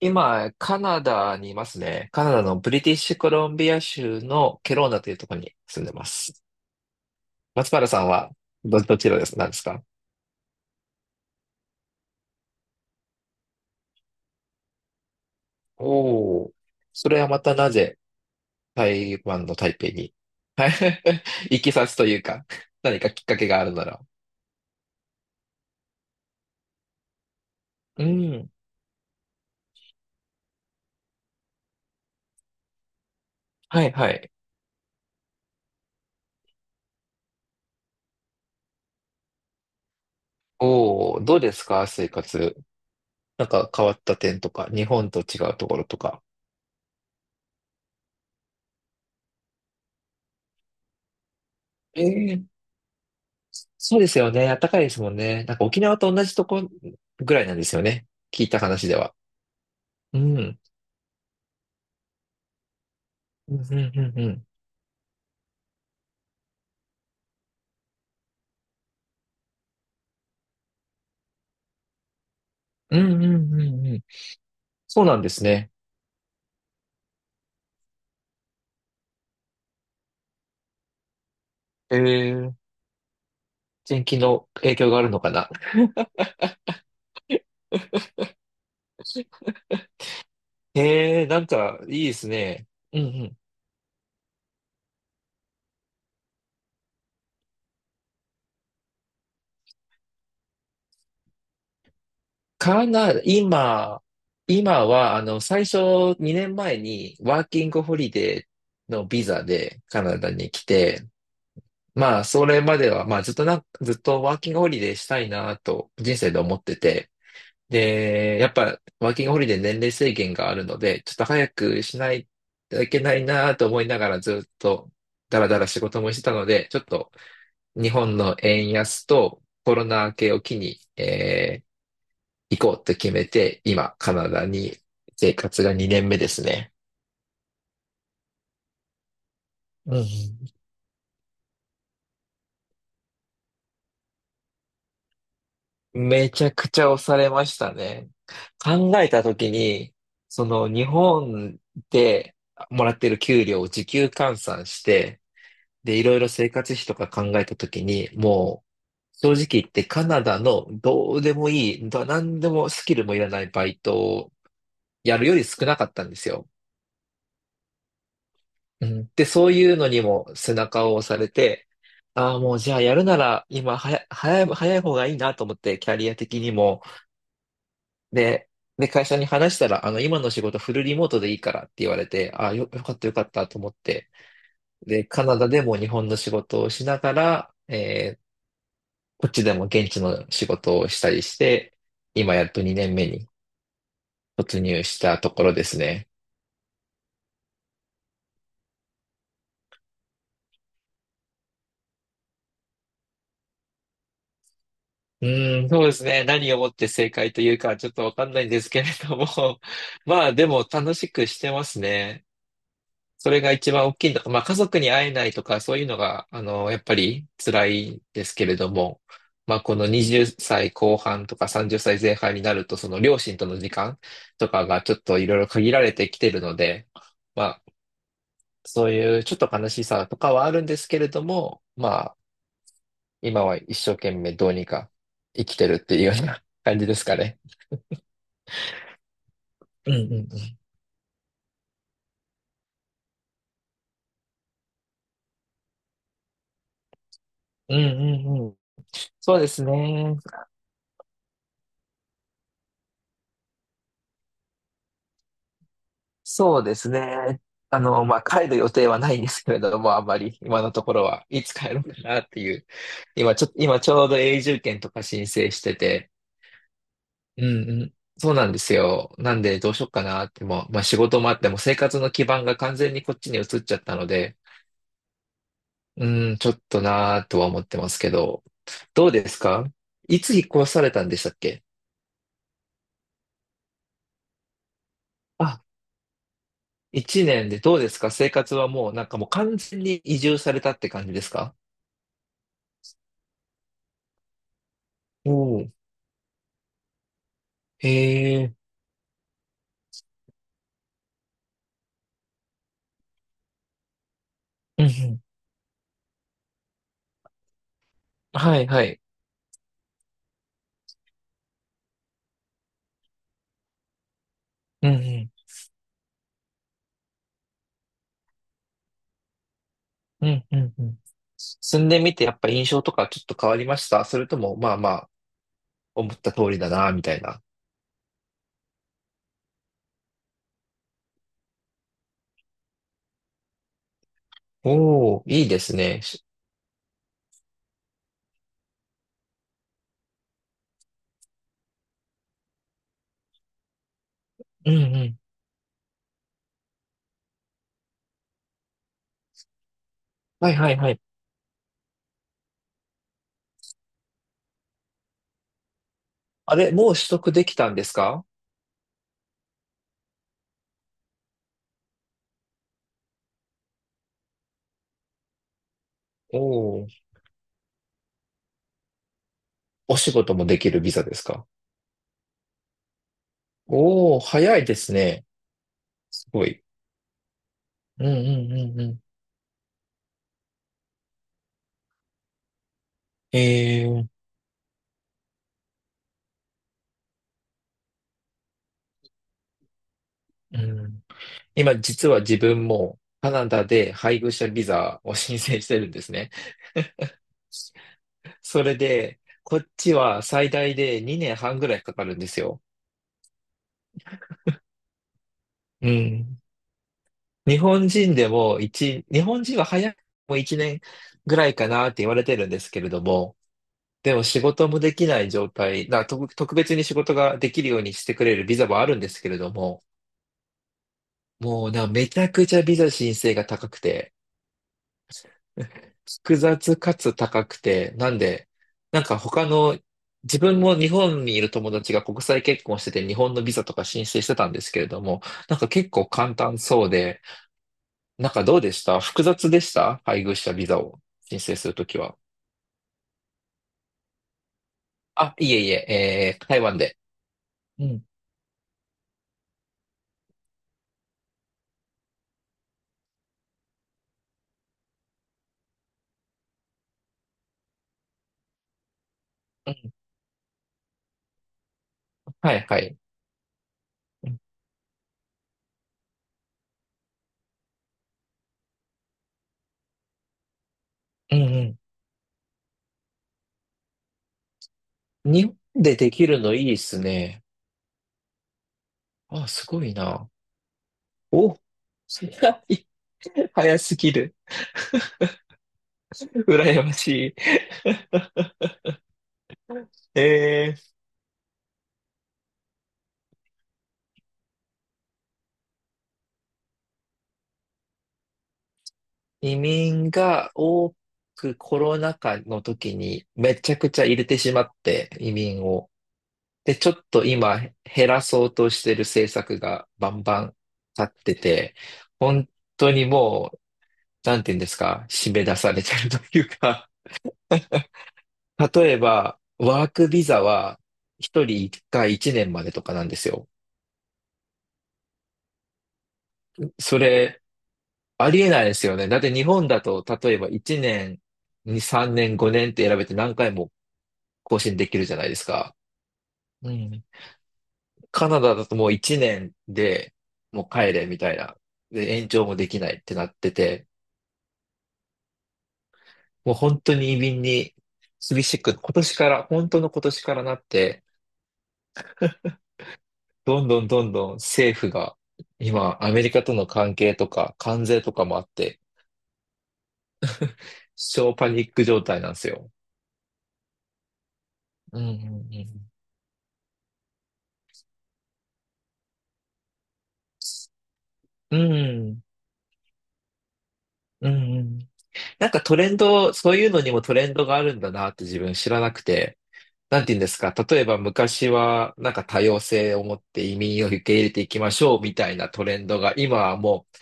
今、カナダにいますね。カナダのブリティッシュコロンビア州のケローナというところに住んでます。松原さんはどちらなんですか？おおー。それはまたなぜ台湾の台北に 行きさつというか、何かきっかけがあるなら。うん。はいはい。おお、どうですか生活。なんか変わった点とか、日本と違うところとか。ええ、そうですよね。暖かいですもんね。なんか沖縄と同じとこぐらいなんですよね。聞いた話では。うん。うん、うん、うん、うん。うん、うん、うん、うん。そうなんですね。ええ、天気の影響があるのかな。ええ、なんか、いいですね。うんうん。カナダ、今は、最初2年前にワーキングホリデーのビザでカナダに来て、まあ、それまでは、まあ、ずっとワーキングホリデーしたいなと、人生で思ってて、で、やっぱ、ワーキングホリデー年齢制限があるので、ちょっと早くしないといけないなと思いながらずっと、だらだら仕事もしてたので、ちょっと日本の円安とコロナ明けを機に、行こうと決めて、今、カナダに生活が2年目ですね。うん。めちゃくちゃ押されましたね。考えた時に、その日本でもらってる給料を時給換算して、で、いろいろ生活費とか考えたときに、もう、正直言ってカナダのどうでもいい、何でもスキルもいらないバイトをやるより少なかったんですよ。うん、で、そういうのにも背中を押されて、ああ、もうじゃあやるなら今はや、早い、早い方がいいなと思って、キャリア的にも。で、会社に話したら、今の仕事フルリモートでいいからって言われて、ああ、よかったよかったと思って。で、カナダでも日本の仕事をしながら、こっちでも現地の仕事をしたりして、今やっと2年目に突入したところですね。うーん、そうですね。何をもって正解というか、ちょっとわかんないんですけれども。まあ、でも楽しくしてますね。それが一番大きいんだ。まあ、家族に会えないとか、そういうのが、やっぱり辛いですけれども。まあ、この20歳後半とか30歳前半になると、その両親との時間とかがちょっといろいろ限られてきてるので、まあ、そういうちょっと悲しさとかはあるんですけれども、まあ、今は一生懸命どうにか生きてるっていうような感じですかね。うんうんうんうんうんうん。そうですね。そうですね。まあ、帰る予定はないんですけれども、あんまり今のところはいつ帰ろうかなっていう。今ちょうど永住権とか申請してて、うん。うんうん。そうなんですよ。なんでどうしようかなってもう、まあ、仕事もあっても生活の基盤が完全にこっちに移っちゃったので、うん、ちょっとなーとは思ってますけど、どうですか？いつ引っ越されたんでしたっけ？あ、一年でどうですか？生活はもう、なんか、もう完全に移住されたって感じですか？おおー、へえ、うんうん、はいはい、うんうん、うんうんうん。住んでみてやっぱ印象とかちょっと変わりました？それともまあまあ思った通りだなーみたいな。おお、いいですね。うんうん、はいはいはい。あれ、もう取得できたんですか？おおー、お仕事もできるビザですか？おお、早いですね。すごい。うんうんうんうん。えー、うん。今実は自分もカナダで配偶者ビザを申請してるんですね。それで、こっちは最大で2年半ぐらいかかるんですよ。うん。日本人でも日本人は早くても1年ぐらいかなって言われてるんですけれども、でも仕事もできない状態、特別に仕事ができるようにしてくれるビザもあるんですけれども、もうなんかめちゃくちゃビザ申請が高くて、複雑かつ高くて、なんで、なんか他の、自分も日本にいる友達が国際結婚してて日本のビザとか申請してたんですけれども、なんか結構簡単そうで、なんかどうでした？複雑でした？配偶者ビザを申請するときは。いえいえ、台湾で。うん。うん、はいはい。うんうんうん。日本でできるのいいですね。あ、すごいな。お、い早すぎる。羨ましい。えー、移民が多くコロナ禍の時にめちゃくちゃ入れてしまって、移民を。で、ちょっと今減らそうとしてる政策がバンバン立ってて、本当にもう、なんて言うんですか、締め出されてるというか、例えば、ワークビザは一人一回一年までとかなんですよ。それ、ありえないですよね。だって日本だと、例えば1年、2、3年、5年って選べて何回も更新できるじゃないですか。うん。カナダだともう1年でもう帰れみたいな。で、延長もできないってなってて、もう本当に移民に厳しく、今年から、本当の今年からなって、どんどんどんどん政府が、今、アメリカとの関係とか、関税とかもあって、超パニック状態なんですよ。うんうんうん。うん。うんうん。なんかトレンド、そういうのにもトレンドがあるんだなって自分知らなくて、なんて言うんですか、例えば昔はなんか多様性を持って移民を受け入れていきましょうみたいなトレンドが、今はもう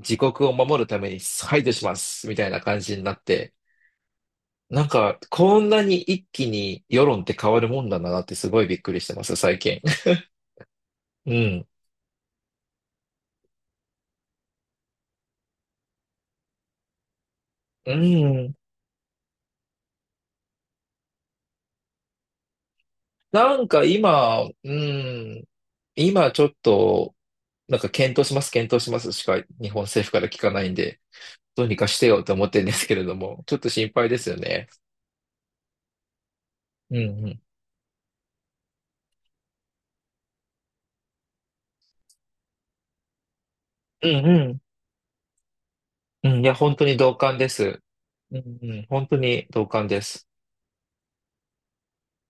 自国を守るために排除しますみたいな感じになって、なんかこんなに一気に世論って変わるもんだなってすごいびっくりしてます、最近。うん。うん。なんかうん、今ちょっと、なんか検討します、検討しますしか日本政府から聞かないんで、どうにかしてよと思ってるんですけれども、ちょっと心配ですよね。うんうん。うんうん。うん、いや、本当に同感です。うんうん。本当に同感です。